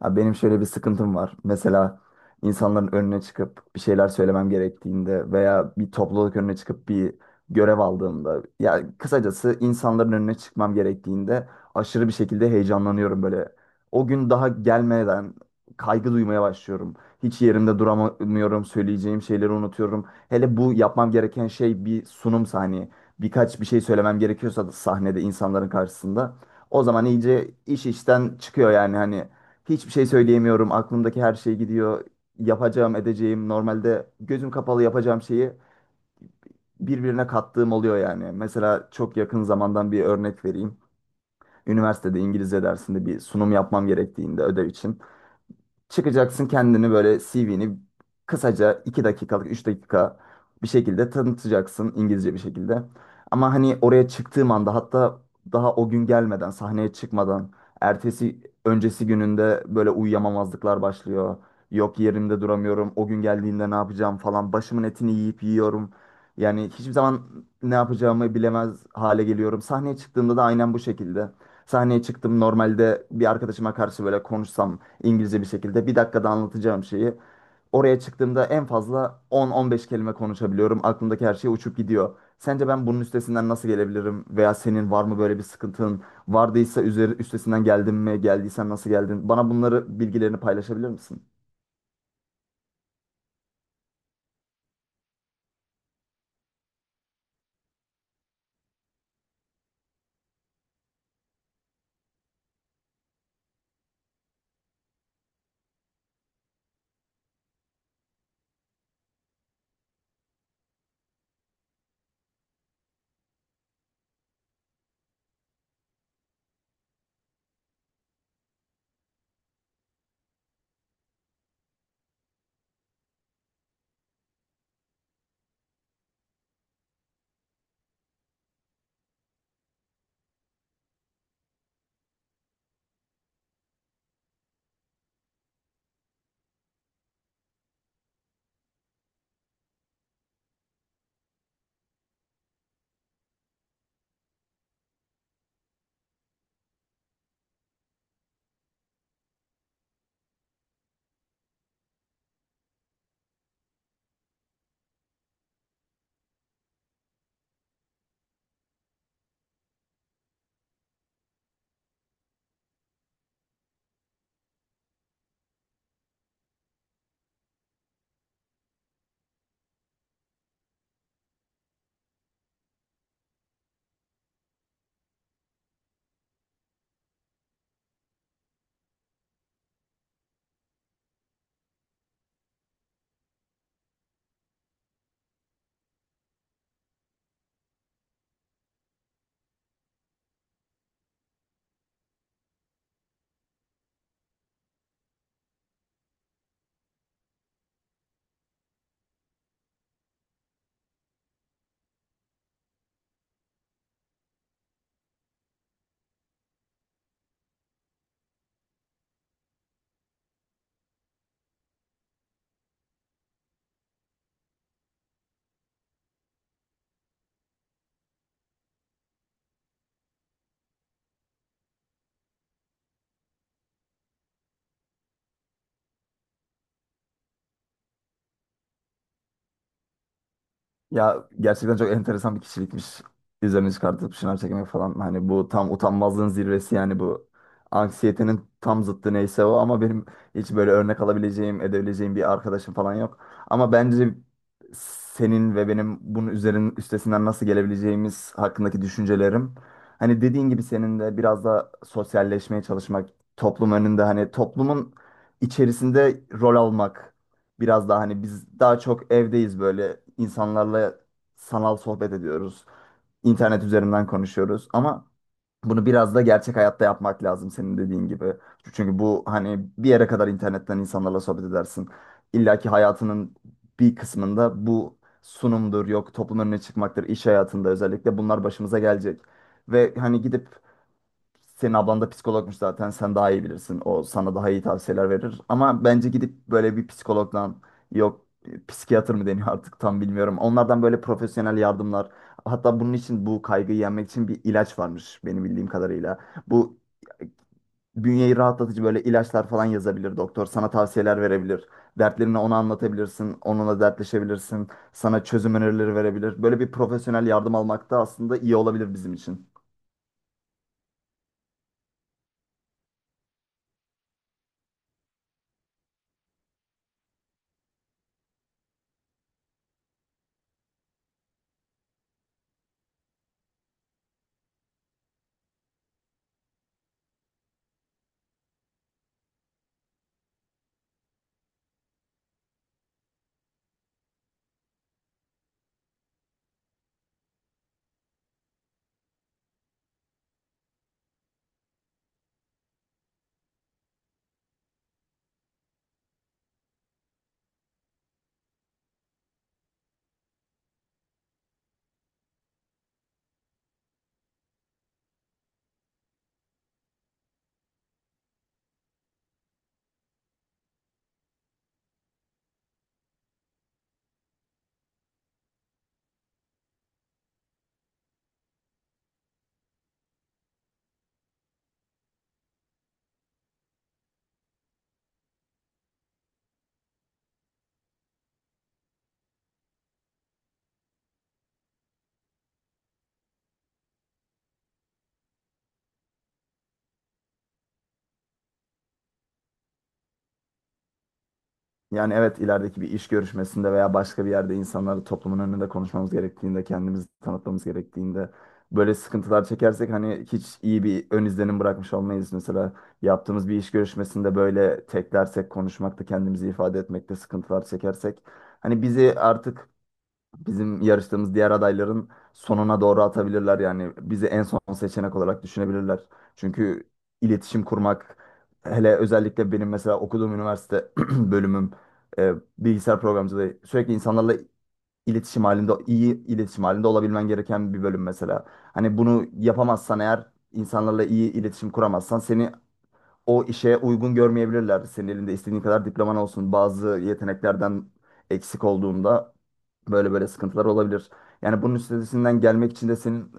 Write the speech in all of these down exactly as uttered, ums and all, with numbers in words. Ha, benim şöyle bir sıkıntım var. Mesela insanların önüne çıkıp bir şeyler söylemem gerektiğinde veya bir topluluk önüne çıkıp bir görev aldığımda ya kısacası insanların önüne çıkmam gerektiğinde aşırı bir şekilde heyecanlanıyorum böyle. O gün daha gelmeden kaygı duymaya başlıyorum. Hiç yerimde duramıyorum, söyleyeceğim şeyleri unutuyorum. Hele bu yapmam gereken şey bir sunumsa hani birkaç bir şey söylemem gerekiyorsa da sahnede insanların karşısında o zaman iyice iş işten çıkıyor yani hani. Hiçbir şey söyleyemiyorum. Aklımdaki her şey gidiyor. Yapacağım, edeceğim. Normalde gözüm kapalı yapacağım şeyi birbirine kattığım oluyor yani. Mesela çok yakın zamandan bir örnek vereyim. Üniversitede İngilizce dersinde bir sunum yapmam gerektiğinde ödev için. Çıkacaksın kendini böyle C V'ni kısaca iki dakikalık üç dakika bir şekilde tanıtacaksın İngilizce bir şekilde. Ama hani oraya çıktığım anda hatta daha o gün gelmeden sahneye çıkmadan ertesi öncesi gününde böyle uyuyamamazlıklar başlıyor. Yok yerimde duramıyorum o gün geldiğinde ne yapacağım falan başımın etini yiyip yiyorum. Yani hiçbir zaman ne yapacağımı bilemez hale geliyorum. Sahneye çıktığımda da aynen bu şekilde. Sahneye çıktım normalde bir arkadaşıma karşı böyle konuşsam İngilizce bir şekilde bir dakikada anlatacağım şeyi. Oraya çıktığımda en fazla on on beş kelime konuşabiliyorum. Aklımdaki her şey uçup gidiyor. Sence ben bunun üstesinden nasıl gelebilirim? Veya senin var mı böyle bir sıkıntın? Vardıysa üzeri, üstesinden geldin mi? Geldiysen nasıl geldin? Bana bunları bilgilerini paylaşabilir misin? Ya gerçekten çok enteresan bir kişilikmiş. Üzerine çıkartıp şınav çekmek falan. Hani bu tam utanmazlığın zirvesi yani bu anksiyetenin tam zıttı neyse o, ama benim hiç böyle örnek alabileceğim, edebileceğim bir arkadaşım falan yok. Ama bence senin ve benim bunun üzerinin üstesinden nasıl gelebileceğimiz hakkındaki düşüncelerim. Hani dediğin gibi senin de biraz da sosyalleşmeye çalışmak, toplum önünde hani toplumun içerisinde rol almak. Biraz daha hani biz daha çok evdeyiz, böyle insanlarla sanal sohbet ediyoruz. İnternet üzerinden konuşuyoruz ama bunu biraz da gerçek hayatta yapmak lazım senin dediğin gibi. Çünkü bu hani bir yere kadar internetten insanlarla sohbet edersin. İlla ki hayatının bir kısmında bu sunumdur, yok toplumun önüne çıkmaktır, iş hayatında özellikle bunlar başımıza gelecek. Ve hani gidip, senin ablan da psikologmuş zaten. Sen daha iyi bilirsin. O sana daha iyi tavsiyeler verir. Ama bence gidip böyle bir psikologdan, yok e, psikiyatr mı deniyor artık tam bilmiyorum. Onlardan böyle profesyonel yardımlar. Hatta bunun için, bu kaygıyı yenmek için bir ilaç varmış benim bildiğim kadarıyla. Bu bünyeyi rahatlatıcı böyle ilaçlar falan yazabilir doktor. Sana tavsiyeler verebilir. Dertlerini ona anlatabilirsin. Onunla dertleşebilirsin. Sana çözüm önerileri verebilir. Böyle bir profesyonel yardım almak da aslında iyi olabilir bizim için. Yani evet, ilerideki bir iş görüşmesinde veya başka bir yerde insanlarla, toplumun önünde konuşmamız gerektiğinde, kendimizi tanıtmamız gerektiğinde böyle sıkıntılar çekersek hani hiç iyi bir ön izlenim bırakmış olmayız. Mesela yaptığımız bir iş görüşmesinde böyle teklersek konuşmakta, kendimizi ifade etmekte sıkıntılar çekersek hani bizi artık, bizim yarıştığımız diğer adayların sonuna doğru atabilirler, yani bizi en son seçenek olarak düşünebilirler. Çünkü iletişim kurmak, hele özellikle benim mesela okuduğum üniversite bölümüm e, bilgisayar programcılığı, sürekli insanlarla iletişim halinde, iyi iletişim halinde olabilmen gereken bir bölüm mesela. Hani bunu yapamazsan eğer, insanlarla iyi iletişim kuramazsan seni o işe uygun görmeyebilirler. Senin elinde istediğin kadar diploman olsun. Bazı yeteneklerden eksik olduğunda böyle böyle sıkıntılar olabilir. Yani bunun üstesinden gelmek için de senin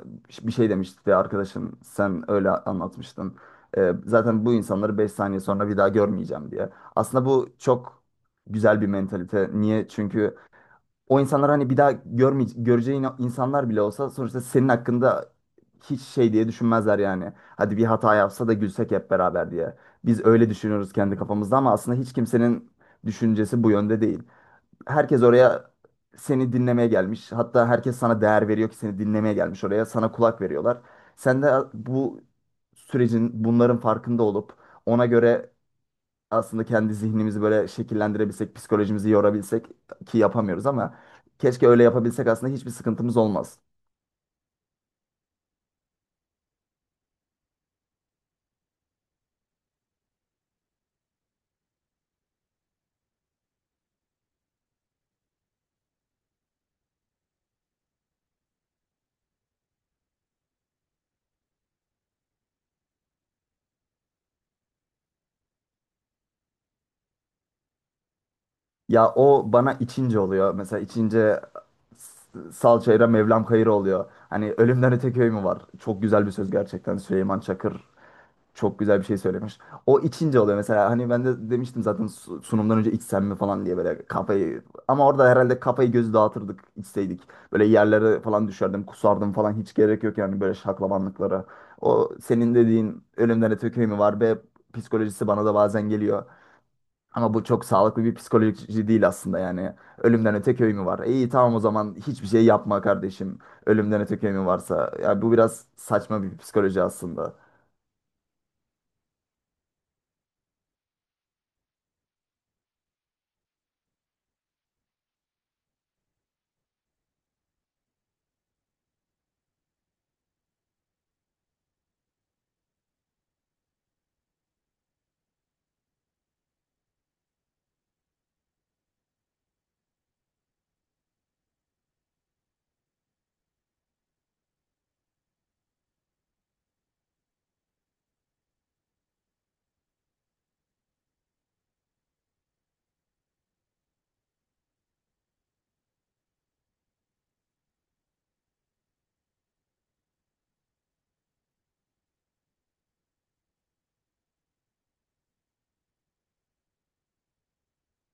bir şey demişti ya arkadaşın, sen öyle anlatmıştın. Ee, zaten bu insanları beş saniye sonra bir daha görmeyeceğim diye. Aslında bu çok güzel bir mentalite. Niye? Çünkü o insanlar, hani bir daha görmeye, göreceğin insanlar bile olsa sonuçta senin hakkında hiç şey diye düşünmezler yani. Hadi bir hata yapsa da gülsek hep beraber diye. Biz öyle düşünüyoruz kendi kafamızda, ama aslında hiç kimsenin düşüncesi bu yönde değil. Herkes oraya seni dinlemeye gelmiş. Hatta herkes sana değer veriyor ki seni dinlemeye gelmiş oraya. Sana kulak veriyorlar. Sen de bu sürecin, bunların farkında olup ona göre aslında kendi zihnimizi böyle şekillendirebilsek, psikolojimizi yorabilsek, ki yapamıyoruz ama, keşke öyle yapabilsek aslında hiçbir sıkıntımız olmaz. Ya o bana içince oluyor. Mesela içince s- Salçayra Mevlam Kayır oluyor. Hani ölümden öte köy mü var? Çok güzel bir söz gerçekten. Süleyman Çakır çok güzel bir şey söylemiş. O içince oluyor. Mesela hani ben de demiştim zaten, su- sunumdan önce içsem mi falan diye böyle kafayı... Ama orada herhalde kafayı gözü dağıtırdık içseydik. Böyle yerlere falan düşerdim, kusardım falan, hiç gerek yok yani böyle şaklabanlıklara. O senin dediğin ölümden öte köy mü var be psikolojisi bana da bazen geliyor. Ama bu çok sağlıklı bir psikoloji değil aslında yani. Ölümden öte köy mü var? İyi, tamam o zaman hiçbir şey yapma kardeşim. Ölümden öte köy mü varsa. Ya bu biraz saçma bir psikoloji aslında.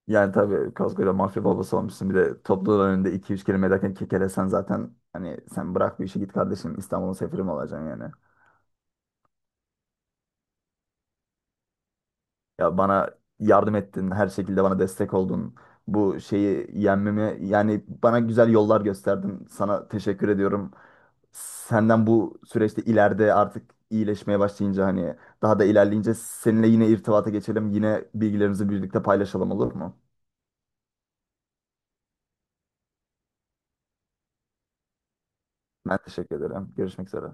Yani tabii koskoca mafya babası olmuşsun. Bir de topluluğun önünde iki üç kelime ederken kekelesen zaten, hani sen bırak bu işi, git kardeşim İstanbul'un sefiri mi olacaksın yani. Ya bana yardım ettin, her şekilde bana destek oldun. Bu şeyi yenmemi, yani bana güzel yollar gösterdin. Sana teşekkür ediyorum. Senden bu süreçte, ileride artık iyileşmeye başlayınca hani daha da ilerleyince seninle yine irtibata geçelim. Yine bilgilerimizi birlikte paylaşalım, olur mu? Ben teşekkür ederim. Görüşmek üzere.